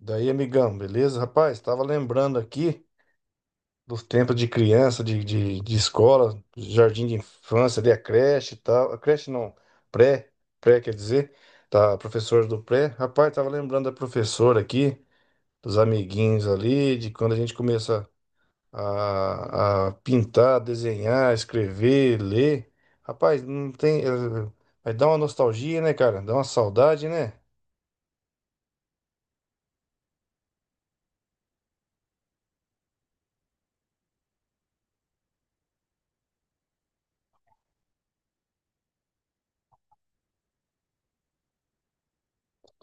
Daí, amigão, beleza? Rapaz, tava lembrando aqui dos tempos de criança, de escola, jardim de infância, ali a creche e tal. A creche não, pré, pré quer dizer, tá, a professora do pré. Rapaz, tava lembrando da professora aqui, dos amiguinhos ali, de quando a gente começa a pintar, desenhar, escrever, ler. Rapaz, não tem. Vai dar uma nostalgia, né, cara? Dá uma saudade, né?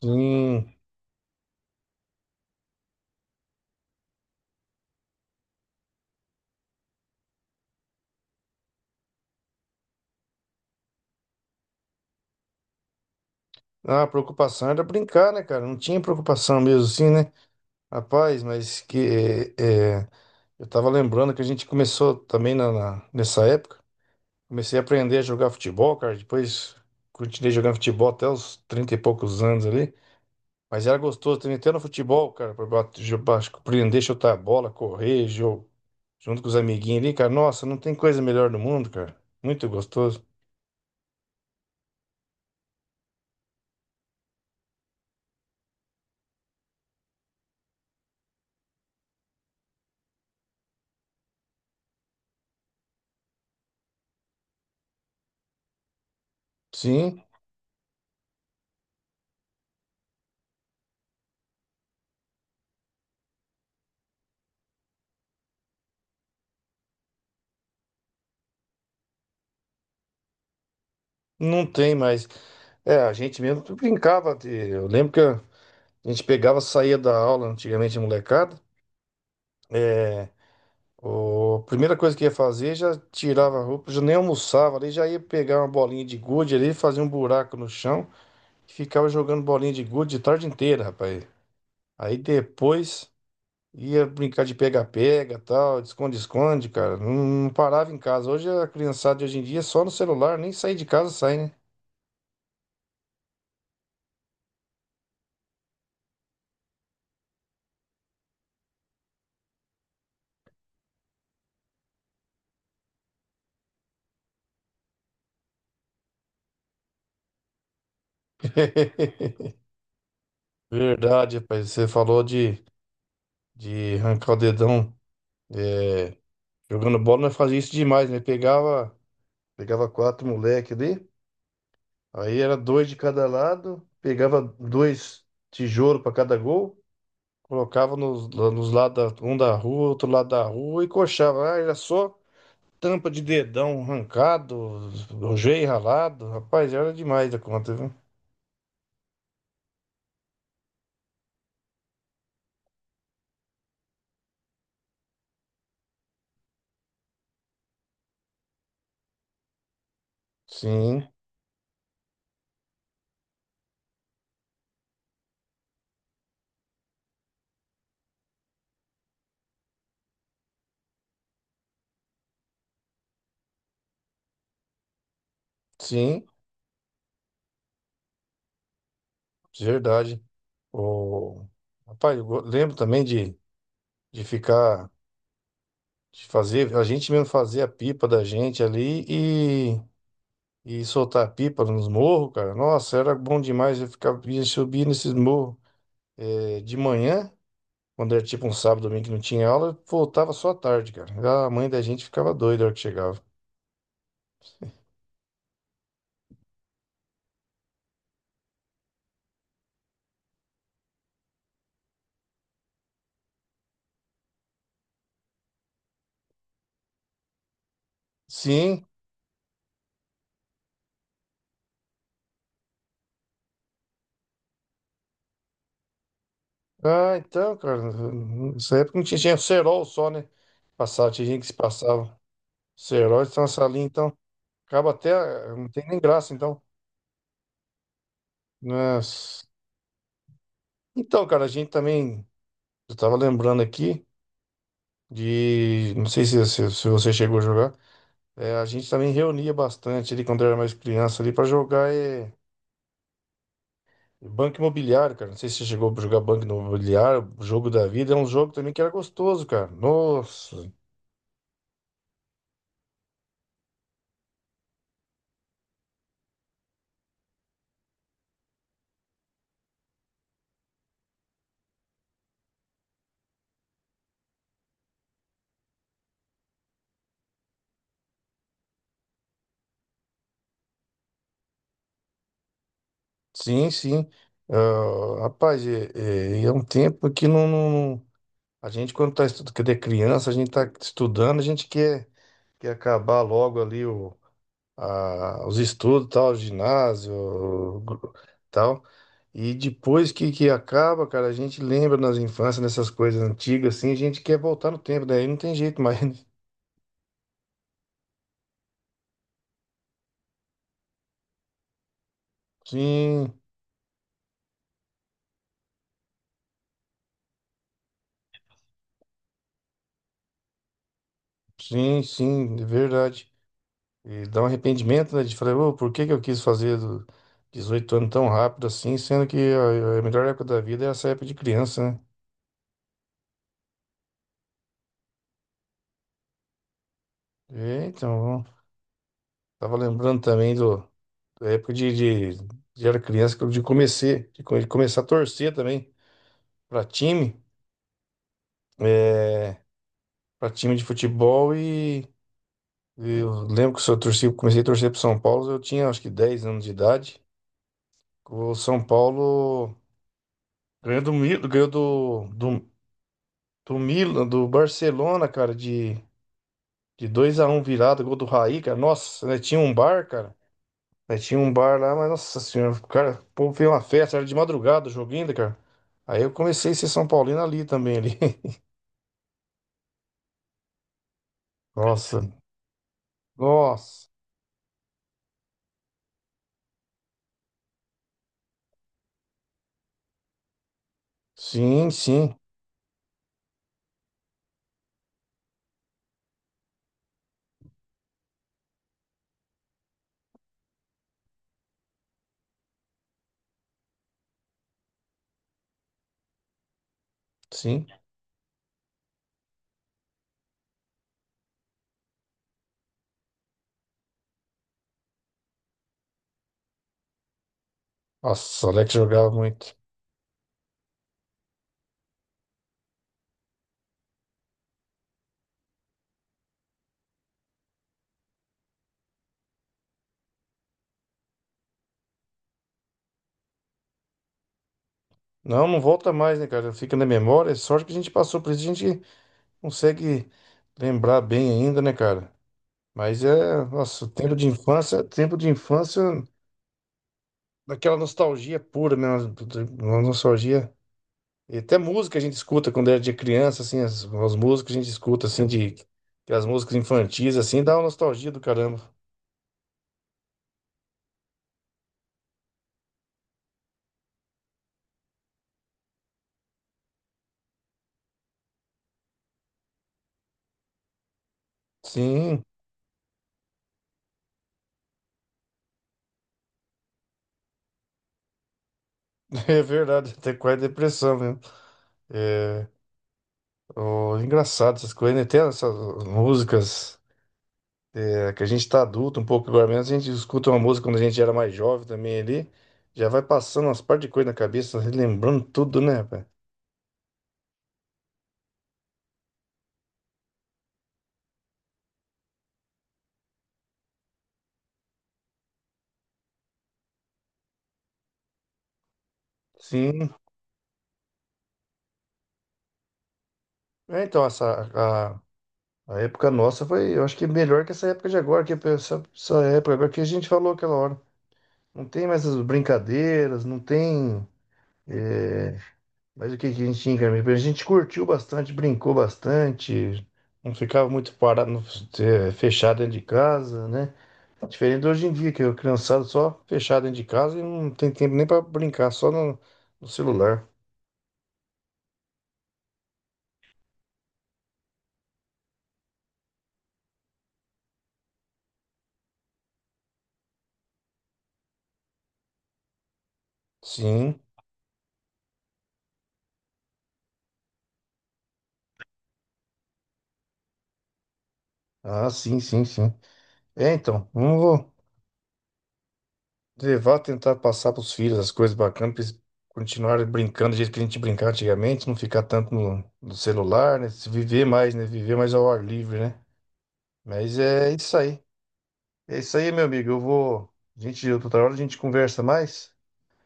Sim. Ah, a preocupação era brincar, né, cara? Não tinha preocupação mesmo assim, né? Rapaz, mas que é, é, eu tava lembrando que a gente começou também nessa época. Comecei a aprender a jogar futebol, cara. Depois continuei jogando futebol até os 30 e poucos anos ali. Mas era gostoso também, até no futebol, cara, pra bater, aprender a chutar a bola, correr, jogo, junto com os amiguinhos ali, cara. Nossa, não tem coisa melhor no mundo, cara. Muito gostoso. Sim, não tem mais. É, a gente mesmo brincava. Eu lembro que. A gente pegava, saía da aula, antigamente molecada. É, a primeira coisa que ia fazer, já tirava a roupa, já nem almoçava ali, já ia pegar uma bolinha de gude ali, fazia um buraco no chão e ficava jogando bolinha de gude a tarde inteira, rapaz. Aí depois ia brincar de pega-pega, tal, de esconde-esconde, cara. Não, não parava em casa. Hoje a criançada de hoje em dia é só no celular, nem sair de casa sai, né? Verdade, rapaz. Você falou de arrancar o dedão. é, Jogando bola, nós fazia isso demais, né? Pegava quatro moleque ali, aí era dois de cada lado, pegava dois tijolos para cada gol, colocava nos, lá nos lados, um da rua, outro lado da rua e coxava. Ah, era só tampa de dedão arrancado, joelho ralado. Rapaz, era demais da conta, viu? Sim, sim, de verdade. O... Rapaz, lembro também de de fazer, a gente mesmo fazia a pipa da gente ali e soltar pipa nos morros, cara. Nossa, era bom demais. Eu ficava, ia subir nesses morros de manhã, quando era tipo um sábado, domingo que não tinha aula, voltava só à tarde, cara. A mãe da gente ficava doida na hora que chegava. Sim. Ah, então, cara, nessa época não tinha, tinha cerol só, né? Passava, tinha gente que se passava. Cerol, então essa linha, então, acaba até, não tem nem graça, então. Mas... Então, cara, a gente também, eu tava lembrando aqui de, não sei se você chegou a jogar, é, a gente também reunia bastante ali quando era mais criança ali para jogar Banco Imobiliário, cara. Não sei se você chegou a jogar Banco Imobiliário, Jogo da Vida. É um jogo também que era gostoso, cara. Nossa, sim, sim. Ah, rapaz, é um tempo que não, a gente, quando tá estudando, quando é criança, a gente tá estudando, a gente quer, quer acabar logo ali os estudos, tal, ginásio, tal. E depois que acaba, cara, a gente lembra nas infâncias, nessas coisas antigas, assim, a gente quer voltar no tempo, daí não tem jeito mais. Né? Sim, sim, sim, é verdade. E dá um arrependimento, né, de falar, "Ô, por que que eu quis fazer do 18 anos tão rápido assim, sendo que a melhor época da vida é essa época de criança, né?" E, então, tava lembrando também do da época de era criança, que eu- de comecei, de começar a torcer também para time, é, para time de futebol e eu lembro que se eu torci, comecei a torcer para São Paulo, eu tinha acho que 10 anos de idade. O São Paulo ganhou do Milan, do Barcelona, cara, de 2-1 virado, gol do Raí, cara. Nossa, né, tinha um bar, cara. Aí tinha um bar lá, mas nossa senhora, cara, o povo fez uma festa, era de madrugada o jogo ainda, cara. Aí eu comecei a ser São Paulino ali também, ali. Nossa, nossa. Sim, sim, sim. Nossa, o Alex jogava muito. Não, não volta mais, né, cara? Fica na memória. É sorte que a gente passou por isso, a gente consegue lembrar bem ainda, né, cara? Mas é, nossa, o tempo de infância, daquela nostalgia pura, né? Uma nostalgia. E até música a gente escuta quando era de criança, assim, as músicas a gente escuta, assim, de as músicas infantis, assim, dá uma nostalgia do caramba. Sim, é verdade, até quase depressão mesmo. É, ó, engraçado essas coisas, né? Tem essas músicas que a gente tá adulto um pouco agora mesmo, a gente escuta uma música quando a gente era mais jovem também ali, já vai passando umas par de coisa na cabeça, relembrando tudo, né, velho? Sim, é, então essa, a época nossa foi, eu acho que melhor que essa época de agora, que essa época agora que a gente falou aquela hora. Não tem mais as brincadeiras, não tem é, mais o que que a gente tinha, cara? A gente curtiu bastante, brincou bastante, não ficava muito parado, é, fechado dentro de casa, né? Diferente de hoje em dia, que o criançado só fechado dentro de casa e não tem tempo nem para brincar, só no celular. Sim, ah, sim, sim, sim. É, então, vamos tentar passar pros filhos as coisas bacanas, pra eles continuarem brincando do jeito que a gente brincava antigamente, não ficar tanto no celular, né? Se viver mais, né? Viver mais ao ar livre, né? Mas é isso aí. É isso aí, meu amigo. Eu vou. Outra hora a gente conversa mais,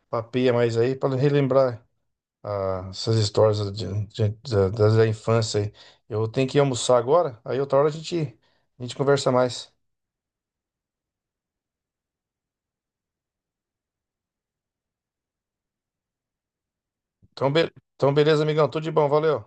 papeia mais aí, para relembrar essas histórias da infância aí. Eu tenho que almoçar agora, aí outra hora a gente conversa mais. Então, beleza, amigão. Tudo de bom, valeu.